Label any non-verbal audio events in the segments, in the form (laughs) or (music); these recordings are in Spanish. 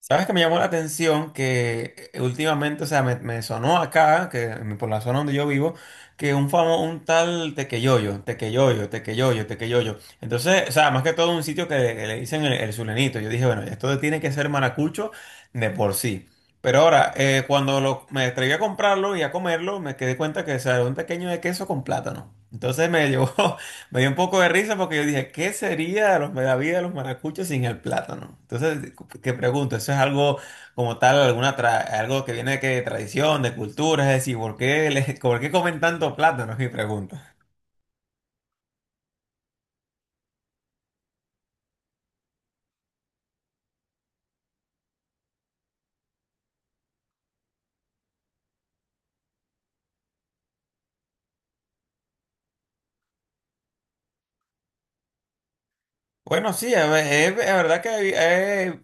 ¿Sabes que me llamó la atención? Que últimamente, o sea, me sonó acá, por la zona donde yo vivo, que un famoso, un tal Tequeyoyo, Tequeyoyo, Tequeyoyo, Tequeyoyo. Entonces, o sea, más que todo un sitio que le dicen el sulenito. Yo dije, bueno, esto tiene que ser maracucho de por sí. Pero ahora, me atreví a comprarlo y a comerlo, me quedé cuenta que o sea, era un pequeño de queso con plátano. Entonces me llevó. (laughs) Me dio un poco de risa porque yo dije, ¿qué sería de de la vida de los maracuchos sin el plátano? Entonces, ¿qué pregunto? ¿Eso es algo como tal, algo que viene de, qué, de tradición, de cultura? Es decir, ¿por qué, (laughs) por qué comen tanto plátano? Es mi pregunta. Bueno, sí, es verdad que he,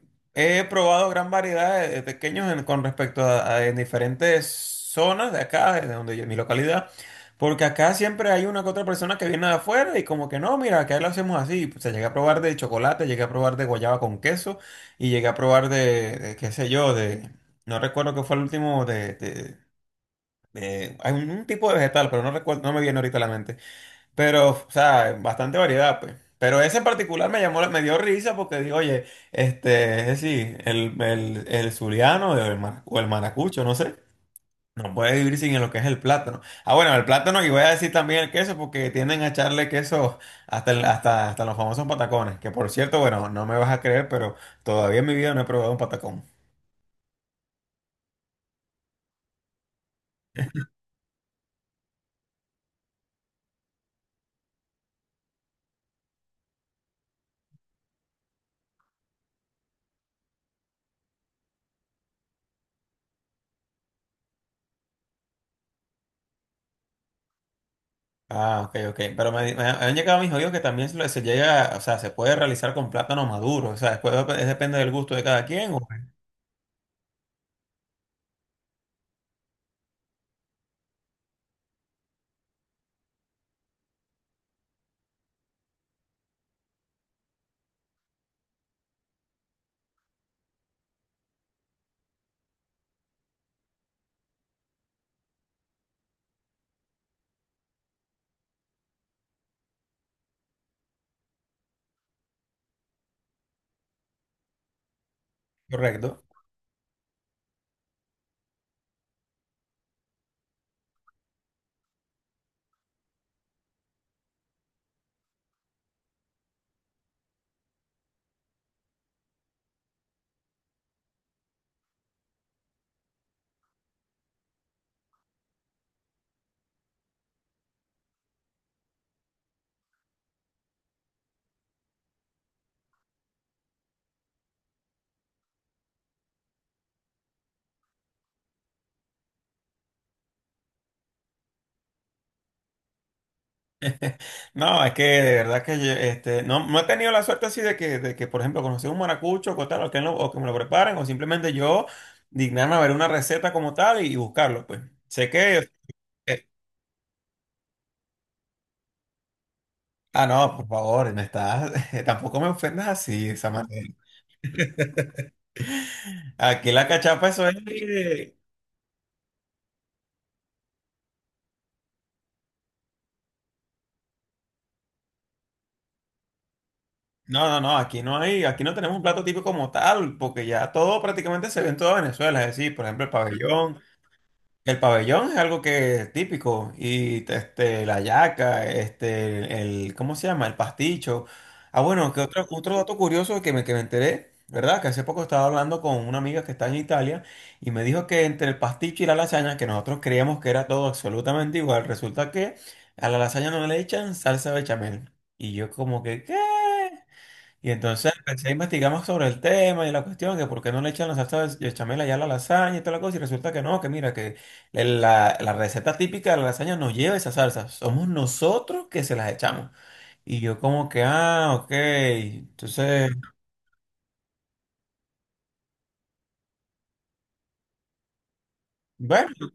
he probado gran variedad de tequeños con respecto en diferentes zonas de acá, de donde yo, mi localidad, porque acá siempre hay una que otra persona que viene de afuera y como que no, mira, acá lo hacemos así. Se llega a probar de chocolate, llegué a probar de guayaba con queso y llegué a probar de qué sé yo, de, no recuerdo qué fue el último, hay un tipo de vegetal, pero no recuerdo, no me viene ahorita a la mente. Pero, o sea, bastante variedad, pues. Pero ese en particular me llamó, me dio risa porque digo, oye, este, es decir, el zuliano o el maracucho, no sé, no puede vivir sin lo que es el plátano. Ah, bueno, el plátano y voy a decir también el queso porque tienden a echarle queso hasta, hasta, hasta los famosos patacones, que por cierto, bueno, no me vas a creer, pero todavía en mi vida no he probado un patacón. Ah, ok, ok. Pero me han llegado mis oídos que también se llega, o sea, se puede realizar con plátano maduro. O sea, después depende del gusto de cada quien. Correcto. No, es que de verdad que yo, este, no, no he tenido la suerte así de que por ejemplo, conocer un maracucho o tal, o que me lo preparen, o simplemente yo dignarme a ver una receta como tal y buscarlo, pues. Sé que... eh, ah, no, por favor, me estás... (laughs) tampoco me ofendas así, Samantha. Aquí la cachapa, eso es... no, no, no, aquí no hay, aquí no tenemos un plato típico como tal, porque ya todo prácticamente se ve en toda Venezuela, es decir, por ejemplo, el pabellón. El pabellón es algo que es típico y este la yaca, este el ¿cómo se llama? El pasticho. Ah, bueno, que otro dato curioso que me enteré, ¿verdad? Que hace poco estaba hablando con una amiga que está en Italia y me dijo que entre el pasticho y la lasaña, que nosotros creíamos que era todo absolutamente igual, resulta que a la lasaña no le echan salsa bechamel. Y yo como que, ¿qué? Y entonces empecé a investigar más sobre el tema y la cuestión, que por qué no le echan la salsa de bechamel allá a la lasaña y toda la cosa, y resulta que no, que mira, que la receta típica de la lasaña no lleva esa salsa, somos nosotros que se las echamos. Y yo como que, ah, ok, entonces, bueno,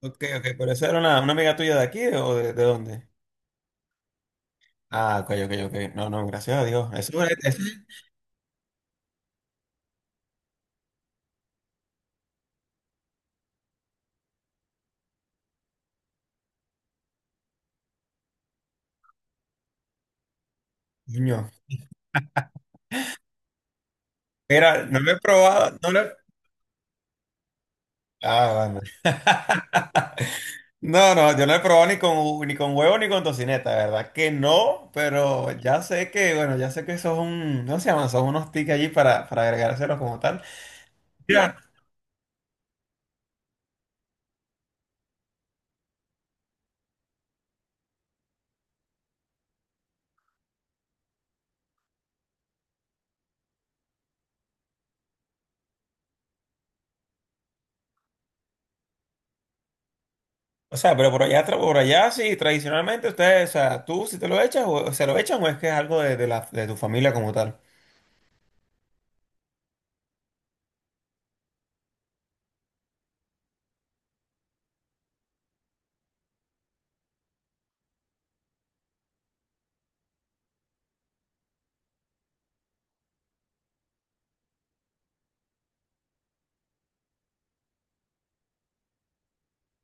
ok, ok, pero esa era una amiga tuya de aquí ¿de dónde? Ah, ok, ok, ok, no, no, gracias a Dios, eso, es- coño, era, no lo he probado, no lo he... Ah, bueno. No, no, yo no he probado ni con, ni con huevo ni con tocineta, de ¿verdad? Que no, pero ya sé que, bueno, ya sé que eso es un, ¿cómo se llaman? Son unos tics allí para agregárselos como tal. Ya, o sea, pero por allá, por allá sí, tradicionalmente ustedes, o sea, tú si te lo echas, o, se lo echan o es que es algo de la, de tu familia como tal.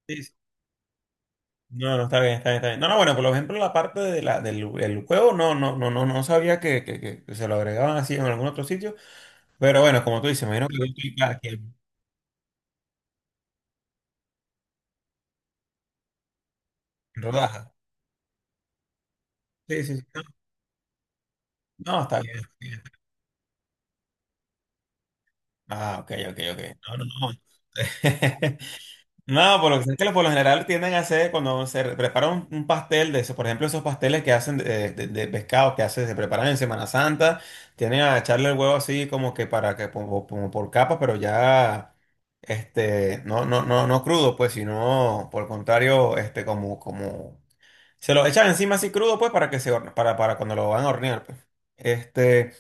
Sí, sí. No, no, está bien, está bien, está bien. No, no, bueno, por ejemplo, la parte de la, del el huevo, no, no, no, no, no sabía que se lo agregaban así en algún otro sitio, pero bueno, como tú dices, me imagino que lo utilizan aquí en rodajas. Sí, sí, sí. No, está bien, está bien. Ah, ok, ok, ok. No, no, no. (laughs) No, por lo que sé es que por lo general tienden a hacer cuando prepara un pastel de esos, por ejemplo, esos pasteles que hacen de pescado que hace, se preparan en Semana Santa, tienden a echarle el huevo así como que para que como, como por capa, pero ya este no, no, no, no crudo, pues, sino por el contrario, este como, como se lo echan encima así crudo, pues, para que para cuando lo van a hornear, pues. Este.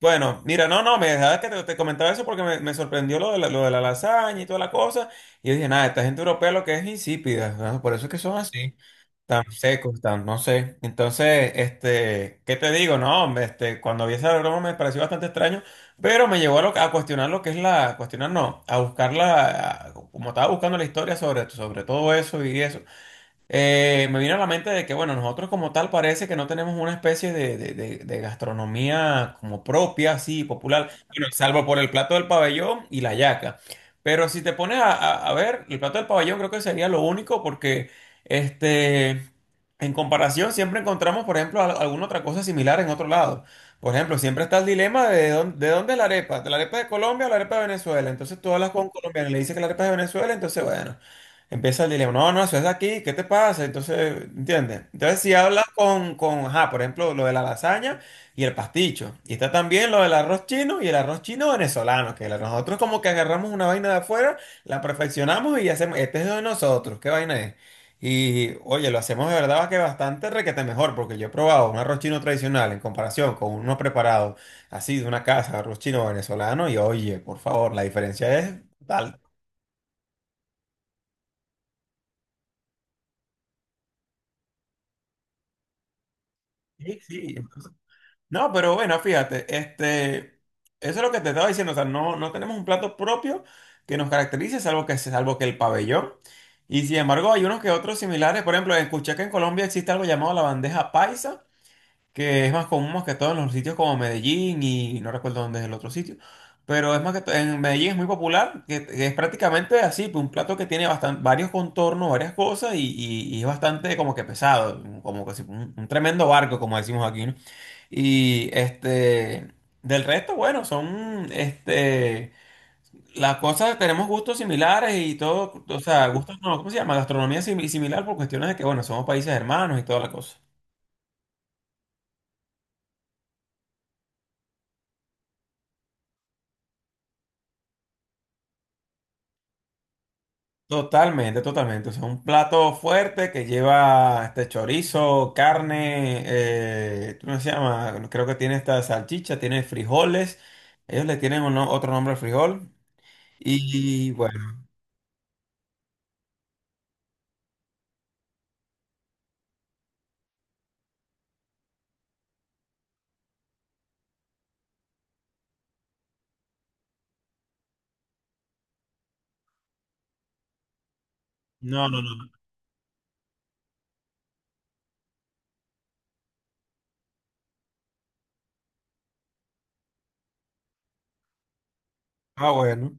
Bueno, mira, no, no, me dejaba que te comentaba eso porque me sorprendió lo de la lasaña y toda la cosa. Y yo dije, nada, esta gente europea lo que es insípida, ¿no? Por eso es que son así, tan secos, tan, no sé. Entonces, este, ¿qué te digo? No, hombre, este, cuando vi esa broma me pareció bastante extraño, pero me llevó a cuestionar lo que es la, a cuestionar no, a buscarla, como estaba buscando la historia sobre, sobre todo eso y eso. Me vino a la mente de que, bueno, nosotros como tal parece que no tenemos una especie de gastronomía como propia, así, popular, bueno, salvo por el plato del pabellón y la yaca. Pero si te pones a ver, el plato del pabellón creo que sería lo único porque, este, en comparación siempre encontramos, por ejemplo, alguna otra cosa similar en otro lado. Por ejemplo, siempre está el dilema de dónde es la arepa de Colombia o la arepa de Venezuela. Entonces tú hablas con un colombiano y le dices que la arepa es de Venezuela, entonces, bueno. Empieza el dilema, no, no, eso es de aquí, ¿qué te pasa? Entonces, ¿entiendes? Entonces, si hablas ajá, por ejemplo, lo de la lasaña y el pasticho, y está también lo del arroz chino y el arroz chino venezolano, nosotros como que agarramos una vaina de afuera, la perfeccionamos y hacemos, este es de nosotros, ¿qué vaina es? Y, oye, lo hacemos de verdad que bastante requete mejor, porque yo he probado un arroz chino tradicional en comparación con uno preparado así de una casa, arroz chino venezolano, y oye, por favor, la diferencia es tal. Sí, sí. No, pero bueno, fíjate, este, eso es lo que te estaba diciendo, o sea, no, no tenemos un plato propio que nos caracterice, salvo que el pabellón. Y sin embargo, hay unos que otros similares, por ejemplo, escuché que en Colombia existe algo llamado la bandeja paisa, que es más común más que todo en los sitios como Medellín y no recuerdo dónde es el otro sitio, pero es más que todo, en Medellín es muy popular, que es prácticamente así, pues, un plato que tiene varios contornos, varias cosas y es bastante como que pesado, como que un tremendo barco, como decimos aquí, ¿no? Y este, del resto, bueno, son este, las cosas, tenemos gustos similares y todo, o sea, gustos, no, ¿cómo se llama? Gastronomía similar por cuestiones de que, bueno, somos países hermanos y toda la cosa. Totalmente, totalmente. O sea, un plato fuerte que lleva este chorizo, carne, ¿cómo se llama? Creo que tiene esta salchicha, tiene frijoles. Ellos le tienen otro nombre al frijol. Y, bueno, no, no, no. Ah, bueno.